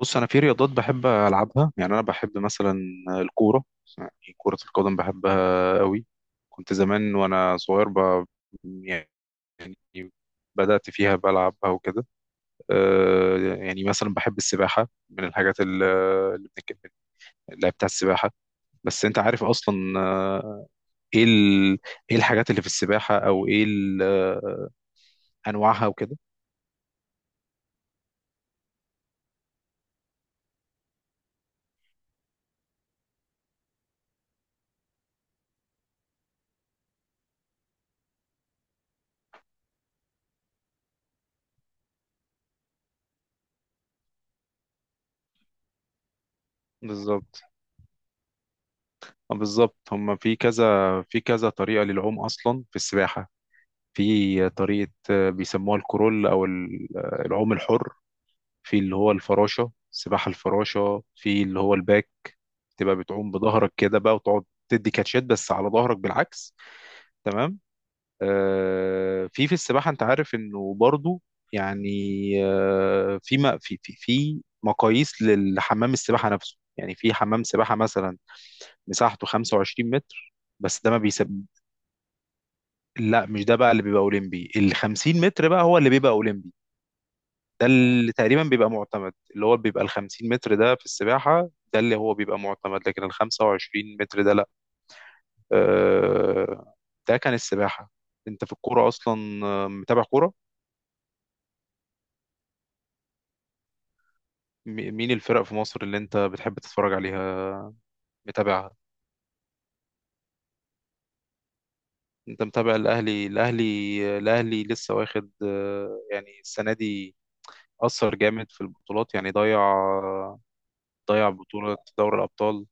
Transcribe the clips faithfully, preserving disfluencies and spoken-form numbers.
بص، انا في رياضات بحب العبها. يعني انا بحب مثلا الكوره. يعني كره القدم بحبها قوي. كنت زمان وانا صغير ب... يعني بدات فيها بلعبها وكده. آه، يعني مثلا بحب السباحه من الحاجات ال- اللي بنتكلم، اللي بتاع السباحه. بس انت عارف اصلا. آه، ايه ال... ايه الحاجات اللي في السباحه، او ايه ال... انواعها وكده. بالظبط. آه، بالظبط، هم في كذا في كذا طريقه للعوم اصلا في السباحه. في طريقة آه، بيسموها الكرول، أو ال- آه، العوم الحر. في اللي هو الفراشة، سباحة الفراشة. في اللي هو الباك، تبقى بتعوم بظهرك كده بقى، وتقعد تدي كاتشات بس على ظهرك بالعكس. تمام. آه، في في السباحة أنت عارف إنه برضو يعني. آه، في ما في في في مقاييس للحمام السباحة نفسه. يعني في حمام سباحة مثلا مساحته خمسة وعشرين متر، بس ده ما بيسب. لا، مش ده بقى اللي بيبقى اولمبي، ال خمسين متر بقى هو اللي بيبقى اولمبي. ده اللي تقريبا بيبقى معتمد، اللي هو بيبقى ال خمسين متر ده في السباحة، ده اللي هو بيبقى معتمد، لكن ال خمسة وعشرين متر ده لا. آه، ده كان السباحة. انت في الكورة اصلا آه، متابع كورة؟ م- مين الفرق في مصر اللي انت بتحب تتفرج عليها؟ متابعها؟ انت متابع الاهلي الاهلي الاهلي لسه واخد آه، يعني السنة دي أثر جامد في البطولات. يعني ضيع، ضيع بطولة دوري الأبطال.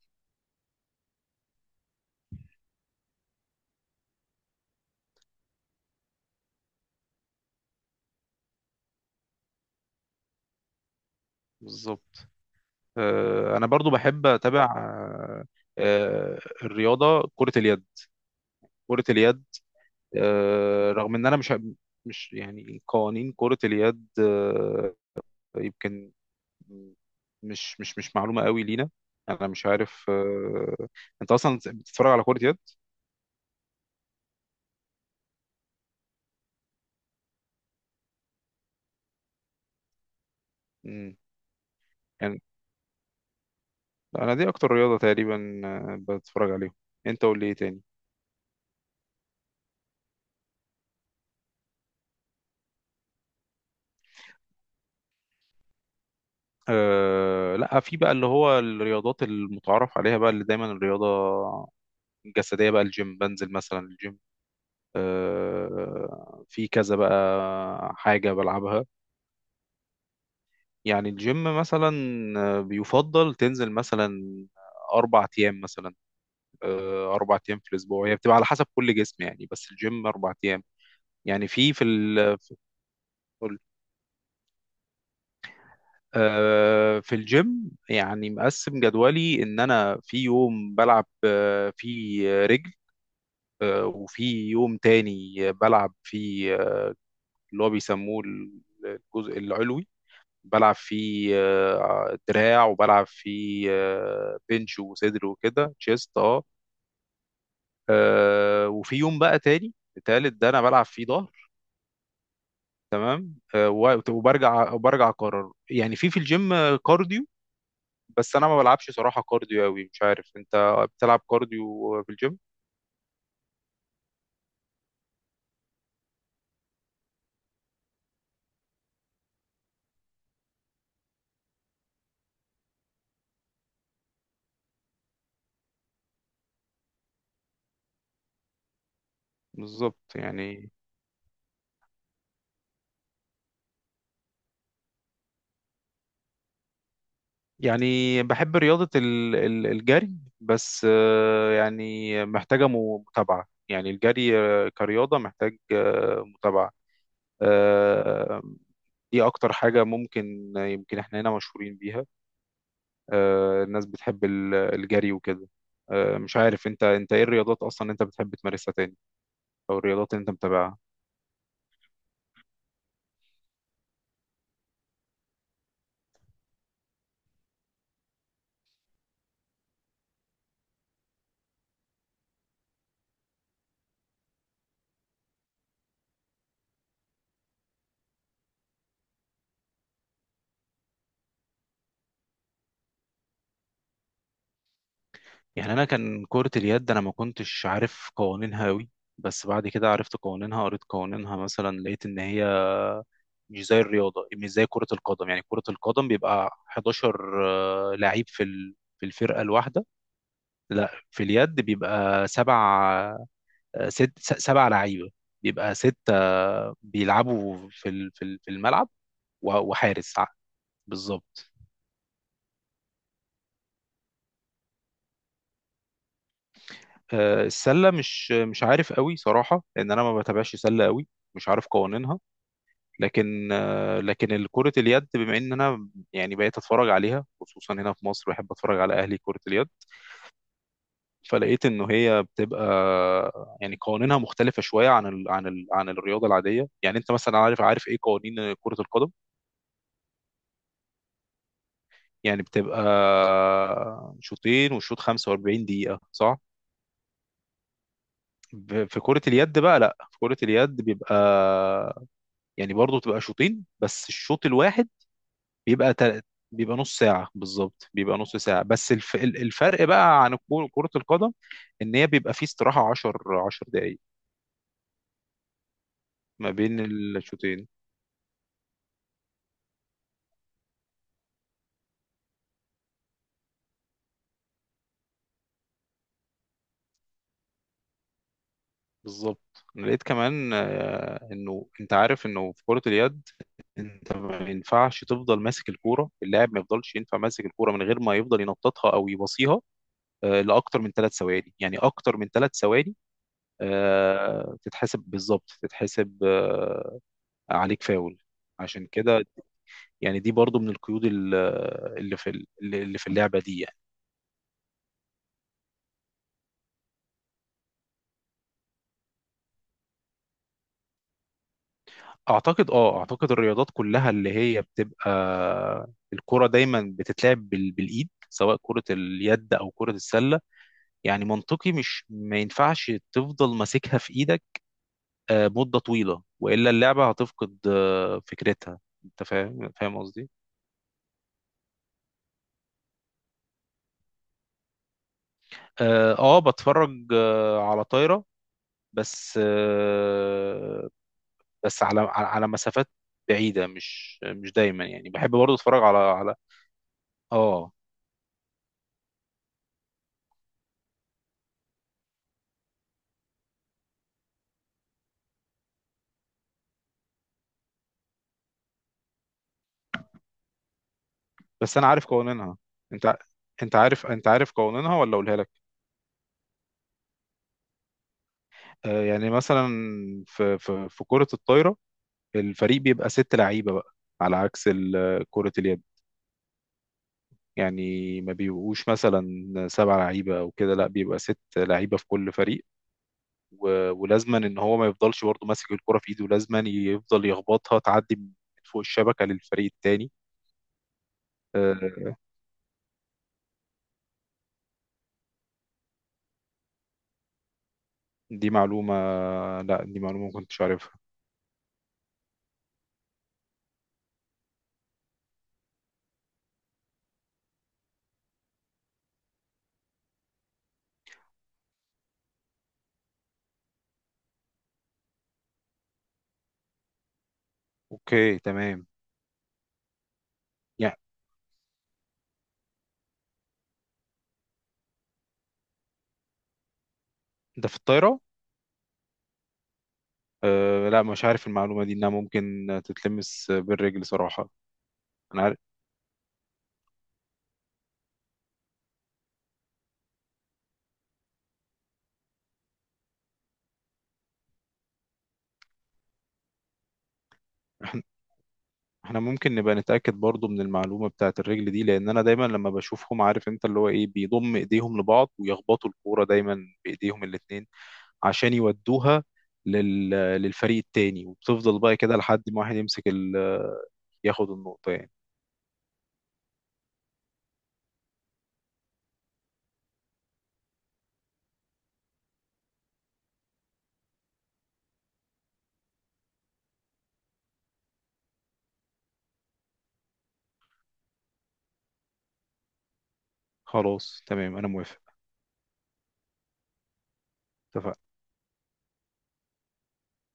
بالظبط. آه، انا برضو بحب اتابع آه، آه، الرياضه، كره اليد. كره اليد آه، رغم ان انا مش مش يعني قوانين كره اليد. آه، يمكن مش مش مش معلومه قوي لينا. انا مش عارف. آه، انت اصلا بتتفرج على كره يد؟ مم. يعني انا دي اكتر رياضه تقريبا آه، بتفرج عليهم. انت قول لي ايه تاني؟ آه لا، في بقى اللي هو الرياضات المتعارف عليها بقى، اللي دايما الرياضة جسدية بقى. الجيم، بنزل مثلا الجيم. آه، في كذا بقى حاجة بلعبها. يعني الجيم مثلا آه، بيفضل تنزل مثلا أربع أيام مثلا. آه، أربع أيام في الأسبوع، هي بتبقى على حسب كل جسم. يعني بس الجيم أربع أيام. يعني في في ال قول. آه، في الجيم يعني مقسم جدولي إن أنا في يوم بلعب آه، فيه رجل، آه، وفي يوم تاني بلعب فيه اللي هو بيسموه الجزء العلوي، بلعب فيه آه، دراع، وبلعب فيه آه، بنش وصدر وكده تشيست. اه. آه، وفي يوم بقى تاني التالت ده انا بلعب فيه ظهر. آه، و- وبرجع وبرجع اكرر يعني. في في الجيم آه، كارديو، بس انا ما بلعبش صراحة كارديو قوي. مش عارف، انت بتلعب كارديو في الجيم؟ بالظبط يعني يعني بحب رياضة ال- ال- الجري. بس آه، يعني محتاجة م- متابعة. يعني الجري آه، كرياضة محتاج آه، متابعة. آه، دي اكتر حاجة. ممكن يمكن احنا هنا مشهورين بيها. آه، الناس بتحب ال- الجري وكده. آه، مش عارف انت، انت ايه الرياضات اصلا انت بتحب تمارسها تاني؟ او الرياضات اللي انت متابعها؟ يعني انا كان كرة اليد، انا ما كنتش عارف قوانينها قوي، بس بعد كده عرفت قوانينها، قريت قوانينها. مثلا لقيت ان هي مش زي الرياضة، مش زي كرة القدم. يعني كرة القدم بيبقى احداشر آه، لعيب في ال- في الفرقة الواحدة. لا، في اليد بيبقى سبع، آه، ست س- سبع لعيبه، بيبقى ستة بيلعبوا في ال- في ال- في الملعب، و- وحارس ع- بالظبط. آه، السلة مش مش عارف قوي صراحة، لأن أنا ما بتابعش سلة قوي، مش عارف قوانينها. لكن آه، لكن كرة اليد، بما إن أنا يعني بقيت أتفرج عليها، خصوصا هنا في مصر بحب أتفرج على أهلي كرة اليد، فلقيت إنه هي بتبقى يعني قوانينها مختلفة شوية عن ال عن ال عن الرياضة العادية. يعني أنت مثلا عارف، عارف إيه قوانين كرة القدم. يعني بتبقى شوطين، والشوط خمسة واربعين دقيقة صح؟ ب- في كرة اليد بقى، لا، في كرة اليد بيبقى يعني برضه بتبقى شوطين، بس الشوط الواحد بيبقى تل... بيبقى نص ساعة، بالظبط بيبقى نص ساعة. بس الف... ال- الفرق بقى عن الكو- كرة القدم، ان هي بيبقى فيه استراحة عشر عشرة دقايق ما بين الشوطين. بالظبط، انا لقيت كمان آه، انه انت عارف انه في كرة اليد، انت ما ينفعش تفضل ماسك الكوره، اللاعب ما يفضلش ينفع ماسك الكوره من غير ما يفضل ينططها او يباصيها آه، لاكتر من ثلاث ثواني. يعني اكتر من ثلاث ثواني آه، تتحسب، بالظبط تتحسب آه، عليك فاول. عشان كده، يعني دي برضو من القيود ال- اللي في ال- اللي في اللعبه دي يعني. اعتقد اه اعتقد الرياضات كلها اللي هي بتبقى الكرة دايما بتتلعب بال- بالايد، سواء كرة اليد او كرة السلة. يعني منطقي، مش ما ينفعش تفضل ماسكها في ايدك آه، مدة طويلة، والا اللعبة هتفقد آه، فكرتها. انت فاهم، فاهم قصدي؟ اه. آه، بتفرج آه، على طايرة، بس آه، بس على على على مسافات بعيدة، مش مش دايما. يعني بحب برضه اتفرج على على اه. بس انا عارف قوانينها. انت ع- انت عارف، انت عارف قوانينها ولا اقولها لك؟ آه، يعني مثلا في في في كرة الطايرة، الفريق بيبقى ست لعيبة بقى، على عكس ال- كرة اليد. يعني ما بيبقوش مثلا سبع لعيبة أو كده، لا بيبقى ست لعيبة في كل فريق. و- ولازما إن هو ما يفضلش برضه ماسك الكرة في إيده، لازما يفضل يخبطها تعدي من فوق الشبكة للفريق التاني. آه، دي معلومة. لا، دي معلومة ما كنتش عارفها. أوكي تمام. يعني ده في الطايرة. آه، لا، مش عارف المعلومة دي إنها ممكن تتلمس بالرجل صراحة. أنا عارف. احنا ممكن نبقى نتأكد برضو من المعلومة بتاعت الرجل دي، لان انا دايما لما بشوفهم، عارف انت، اللي هو ايه بيضم ايديهم لبعض ويخبطوا الكورة دايما بايديهم الاتنين، عشان يودوها لل... للفريق التاني، وبتفضل بقى كده لحد ما واحد يمسك ال... ياخد النقطة يعني. خلاص تمام، انا موافق. اتفقنا.